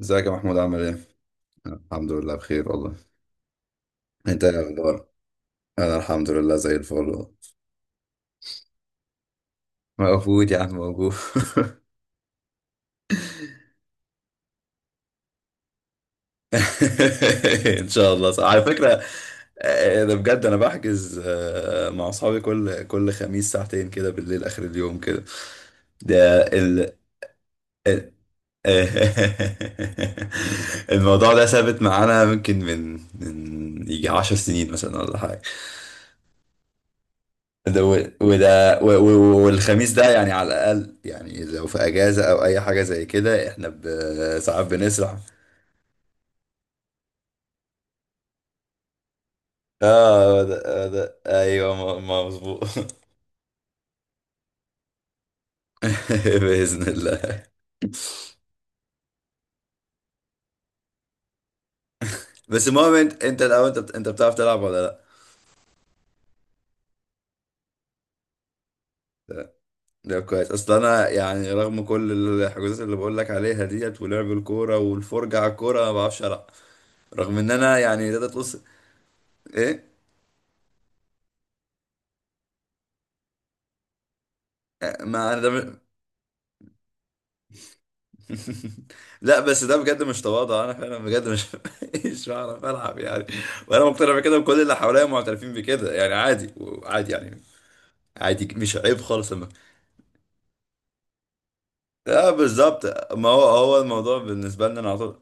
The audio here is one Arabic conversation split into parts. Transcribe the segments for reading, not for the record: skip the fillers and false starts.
ازيك يا محمود عامل ايه؟ الحمد لله بخير والله، انت ايه اخبارك؟ انا الحمد لله زي الفل والله. موجود يا عم موجود. ان شاء الله صح. على فكرة ده بجد انا بحجز، مع اصحابي كل خميس ساعتين كده بالليل اخر اليوم كده. ده ال ال- الموضوع ده ثابت معانا ممكن من يجي عشر سنين مثلا ولا حاجة. ده و- وده و- و- والخميس ده يعني على الأقل، يعني لو في أجازة أو أي حاجة زي كده إحنا ساعات بنسرح. آه، هو ده أيوه، ما مظبوط. بإذن الله. بس المهم أنت الأول، أنت بتعرف تلعب ولا لأ؟ ده ده كويس، أصل أنا يعني رغم كل الحجوزات اللي بقول لك عليها ديت ولعب الكورة والفرجة على الكورة ما بعرفش ألعب، رغم إن أنا يعني تقدر تقول. إيه؟ ما أنا ده، لا بس ده بجد مش تواضع، انا فعلا بجد مش مش بعرف العب يعني، وانا مقتنع بكده وكل اللي حواليا معترفين بكده، يعني عادي، عادي يعني، عادي مش عيب خالص لما. لا بالظبط، ما هو الموضوع بالنسبه لنا أنا على طول.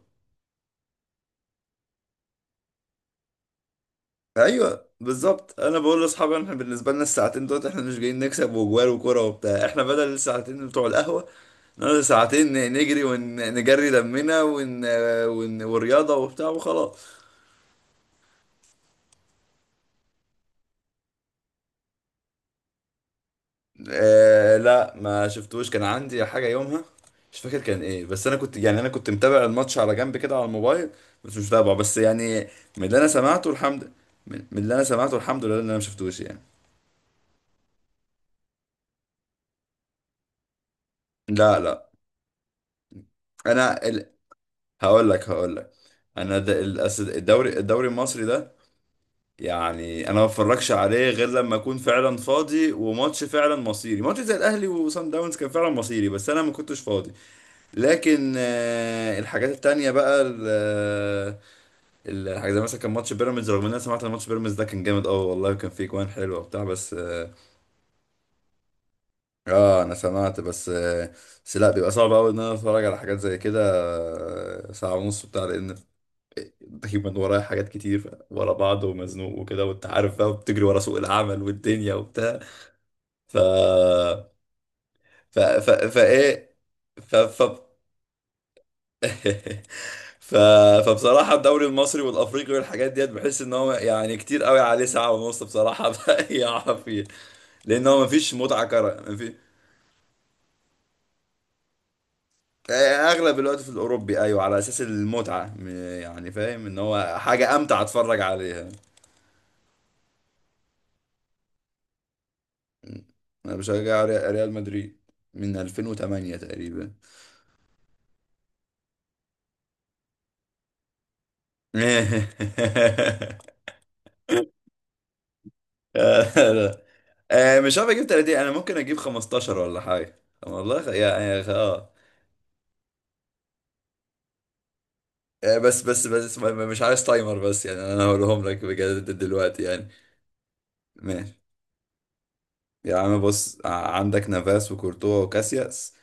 ايوه بالظبط، انا بقول لاصحابي احنا بالنسبه لنا الساعتين دول احنا مش جايين نكسب وجوال وكوره وبتاع، احنا بدل الساعتين بتوع القهوه نقعد ساعتين نجري ونجري دمنا ون... ون... والرياضه وبتاع وخلاص. آه لا، ما شفتوش، كان عندي حاجة يومها، مش فاكر كان ايه، بس انا كنت متابع الماتش على جنب كده على الموبايل، بس مش متابعه بس يعني. من اللي انا سمعته الحمد من اللي انا سمعته الحمد لله ان انا ما شفتوش يعني. لا، لا. انا ال... هقول لك انا د... ال- أس- الدوري الدوري المصري ده يعني انا ما بتفرجش عليه غير لما اكون فعلا فاضي وماتش فعلا مصيري، ماتش زي الاهلي وصن داونز كان فعلا مصيري، بس انا ما كنتش فاضي. لكن الحاجات التانية بقى الحاجات زي مثلا كان ماتش بيراميدز، رغم ان انا سمعت ان ماتش بيراميدز ده كان جامد قوي والله، وكان فيه جوان حلوه وبتاع، بس انا سمعت بس، بس لا بيبقى صعب قوي ان انا اتفرج على حاجات زي كده، ساعة ونص بتاع، لان دايما ورايا حاجات كتير ورا بعض ومزنوق وكده، وانت عارف بقى بتجري ورا سوق العمل والدنيا وبتاع. ف ف ف فايه ف ف ف... فبصراحة الدوري المصري والأفريقي والحاجات ديت بحس إن هو يعني كتير قوي عليه ساعة ونص بصراحة، يقع فيه، لأن هو مفيش متعة كرة أغلب الوقت في الأوروبي. أيوة، على أساس المتعة، يعني فاهم إن هو حاجة أمتع أتفرج عليها. أنا بشجع ريال مدريد من 2008 تقريبا. لا. آه، مش عارف أجيب 30، أنا ممكن أجيب 15 ولا حاجة، والله، بس مش عايز تايمر، بس يعني انا هقولهم لك بجد دلوقتي يعني. ماشي. يا عم بص، عندك نافاس وكورتوا وكاسياس،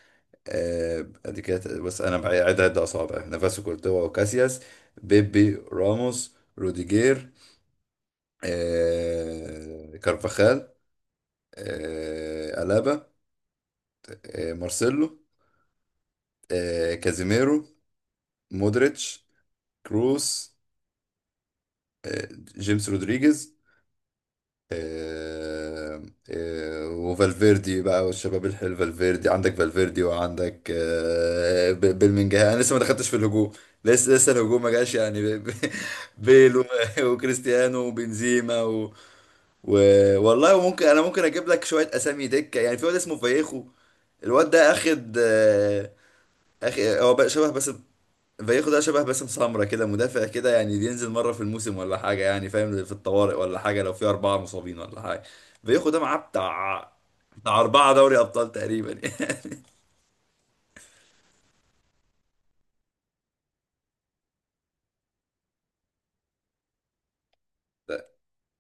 ادي كده، بس انا بعيدها عد اصابع، نافاس وكورتوا وكاسياس، بيبي، راموس، روديجير، كارفاخال، ألابا، مارسيلو، كازيميرو، مودريتش، كروس، جيمس رودريجيز، آه، وفالفيردي بقى والشباب الحلو، فالفيردي عندك، فالفيردي وعندك بلمنجهام، انا لسه ما دخلتش في الهجوم. لسه الهجوم ما جاش يعني، بيل، وكريستيانو وبنزيما و... والله، وممكن انا ممكن اجيب لك شويه اسامي دكه يعني، في واد اسمه فايخو، الواد ده اخد، آه، اخ هو بقى شبه بس، فايخو ده شبه باسم سمرة كده، مدافع كده، يعني ينزل مرة في الموسم ولا حاجة، يعني فاهم، في الطوارئ ولا حاجة، لو في أربعة مصابين ولا حاجة، فايخو ده معاه بتاع، بتاع أربعة دوري أبطال تقريبا.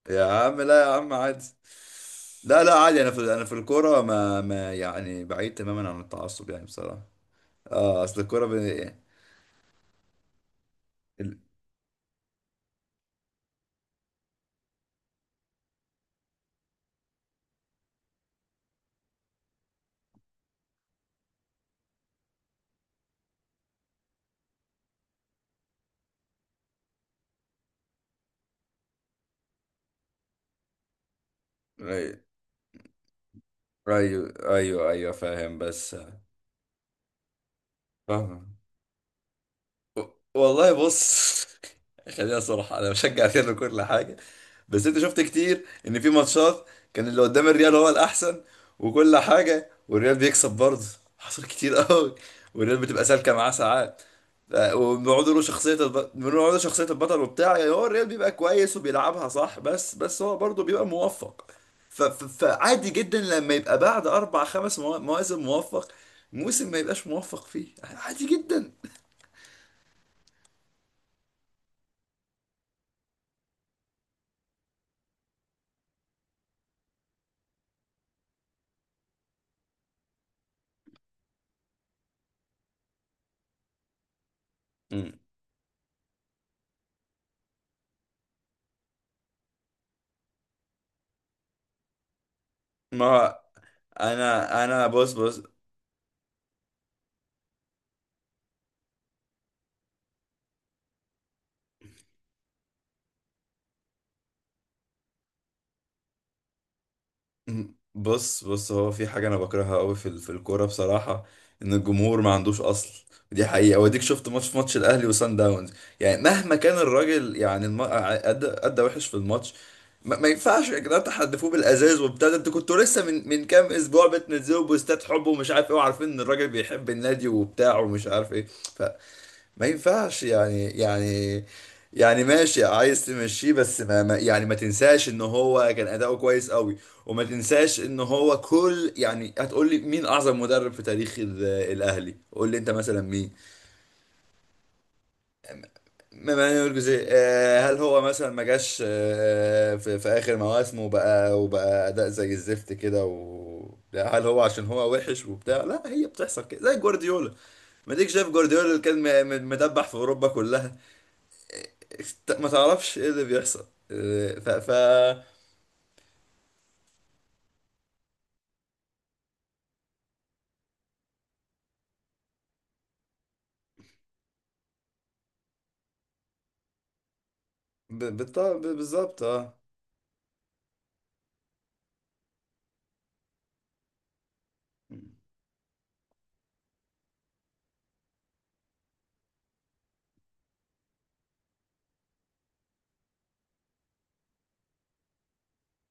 يا عم لا يا عم عادي، لا لا عادي، أنا في الكورة ما يعني بعيد تماما عن التعصب يعني بصراحة. اه أصل الكورة ال- أيوه أيوه أيوه أيوه، فاهم، بس فاهم. والله بص، خلينا صراحة، أنا بشجع ريال كل حاجة، بس انت شفت كتير ان في ماتشات كان اللي قدام الريال هو الاحسن وكل حاجه، والريال بيكسب برضه، حصل كتير قوي، والريال بتبقى سالكه معاه ساعات. ف- وبنقعد له شخصيه الب... بنقعد له شخصيه البطل وبتاع، يعني هو الريال بيبقى كويس وبيلعبها صح، بس هو برضه بيبقى موفق. فعادي جدا لما يبقى بعد اربع خمس مواسم موفق، موسم ما يبقاش موفق فيه، يعني عادي جدا. مم. ما انا انا بص، بص هو في حاجة أنا بكرهها أوي في في الكورة بصراحة، إن الجمهور ما عندوش أصل، دي حقيقة، وأديك شفت ماتش الأهلي وسان داونز، يعني مهما كان الراجل، يعني أدى وحش في الماتش، ما ينفعش يا جدعان تحدفوه بالأزاز وبتاع، ده أنتوا كنتوا لسه من كام أسبوع بتنزلوا بوستات حب ومش عارف إيه، وعارفين إن الراجل بيحب النادي وبتاع ومش عارف إيه، ما ينفعش يعني، ماشي عايز تمشيه، بس يعني ما تنساش ان هو كان اداؤه كويس قوي، وما تنساش ان هو كل، يعني هتقول لي مين اعظم مدرب في تاريخ الاهلي؟ قول لي انت مثلا مين. مانويل جوزيه، هل هو مثلا ما جاش، في اخر مواسمه وبقى اداء زي الزفت كده؟ و لا، هل هو عشان هو وحش وبتاع؟ لا، هي بتحصل كده، زي جوارديولا، ما ديك شايف جوارديولا اللي كان مدبح في اوروبا كلها، ما تعرفش ايه اللي بيحصل. إيه، ف ف ب- بالط- ب- بالظبط. اه.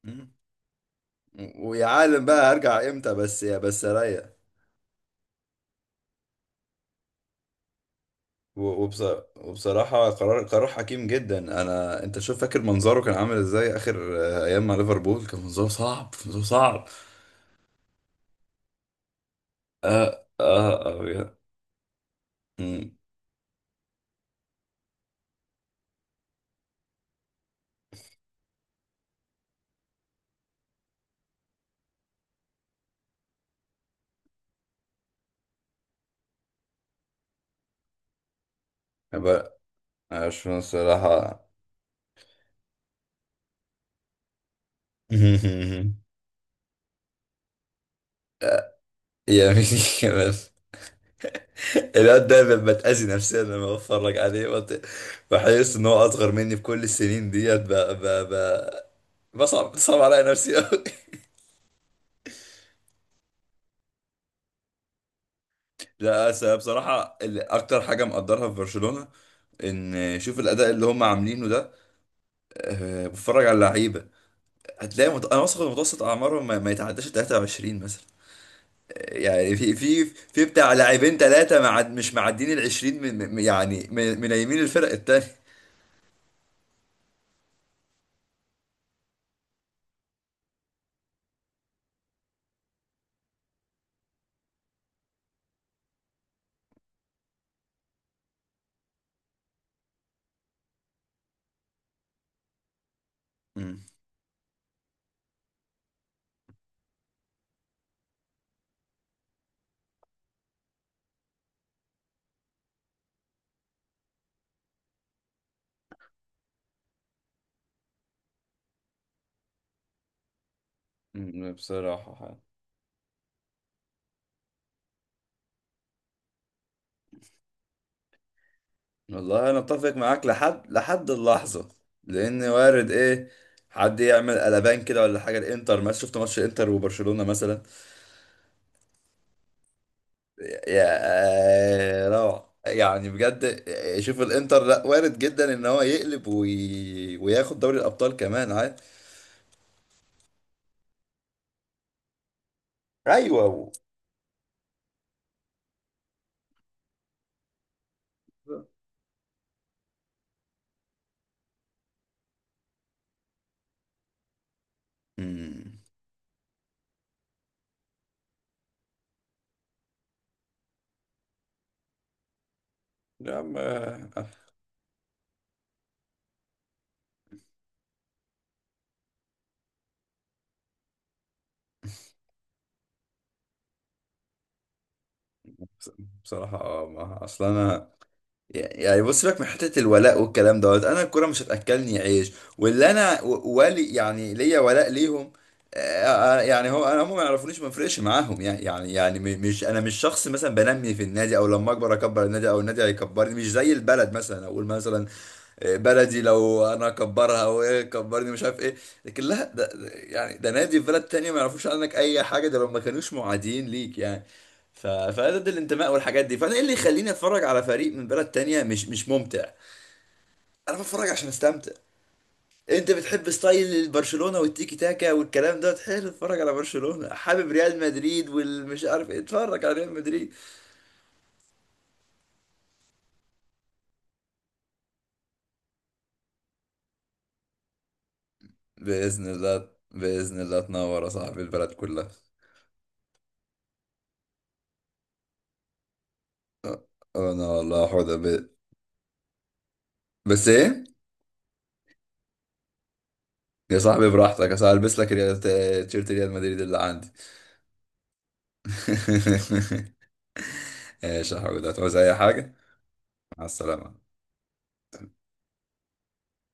مم. ويا عالم بقى هرجع امتى، بس بس اريح. و- وبص- وبصراحة، قرار حكيم جدا، انا انت شوف فاكر منظره كان عامل ازاي اخر ايام مع ليفربول، كان منظره صعب، منظره صعب. اه اه اه. امم بقى، عشان الصراحة. يا مين كمان، الواد دايما بتأذي نفسيا لما بتفرج عليه، بحس ان هو اصغر مني في كل السنين ديت، ب... بصعب بتصعب عليا نفسي قوي. لا بصراحة اكتر حاجة مقدرها في برشلونة ان، شوف الاداء اللي هم عاملينه ده، أه بتفرج على اللعيبه، هتلاقي انا واثق إن متوسط اعمارهم ما يتعداش 23 مثلا، يعني في بتاع لاعبين ثلاثه مش معدين ال 20، يعني من يمين الفرق التانيه. مم. مم، بصراحة، والله انا اتفق معاك لحد اللحظه، لان وارد ايه، حد يعمل قلبان كده ولا حاجه، الانتر، ما شفت ماتش الانتر وبرشلونه مثلا، يا روعه، يعني بجد، شوف الانتر، لا وارد جدا ان هو يقلب وي... وياخد دوري الابطال كمان عادي. ايوه. مم. يا عم، بصراحه، ما اصل انا، يعني بص لك من حته الولاء والكلام دوت، انا الكوره مش هتاكلني عيش، واللي انا و- والي يعني ليا ولاء ليهم، يعني هو انا هم ما يعرفونيش، ما فرقش معاهم يعني، مش انا مش شخص مثلا بنمي في النادي، او لما اكبر النادي او النادي هيكبرني، مش زي البلد مثلا، اقول مثلا بلدي لو انا اكبرها وايه كبرني مش عارف ايه، لكن لا، يعني ده نادي في بلد تانية، ما يعرفوش عنك اي حاجه، ده لو ما كانوش معادين ليك يعني. ف... فده ده الانتماء والحاجات دي، فانا ايه اللي يخليني اتفرج على فريق من بلد تانية؟ مش ممتع، انا بتفرج عشان استمتع. انت بتحب ستايل برشلونه والتيكي تاكا والكلام ده حلو، اتفرج على برشلونه، حابب ريال مدريد والمش عارف ايه، اتفرج على ريال مدريد. باذن الله، باذن الله تنور يا صاحبي البلد كلها. انا والله حوده بس ايه؟ يا صاحبي براحتك، اصل هلبس لك تيشيرت ريال مدريد اللي عندي. ماشي يا حبيبي، هتعوز اي حاجه؟ مع السلامه.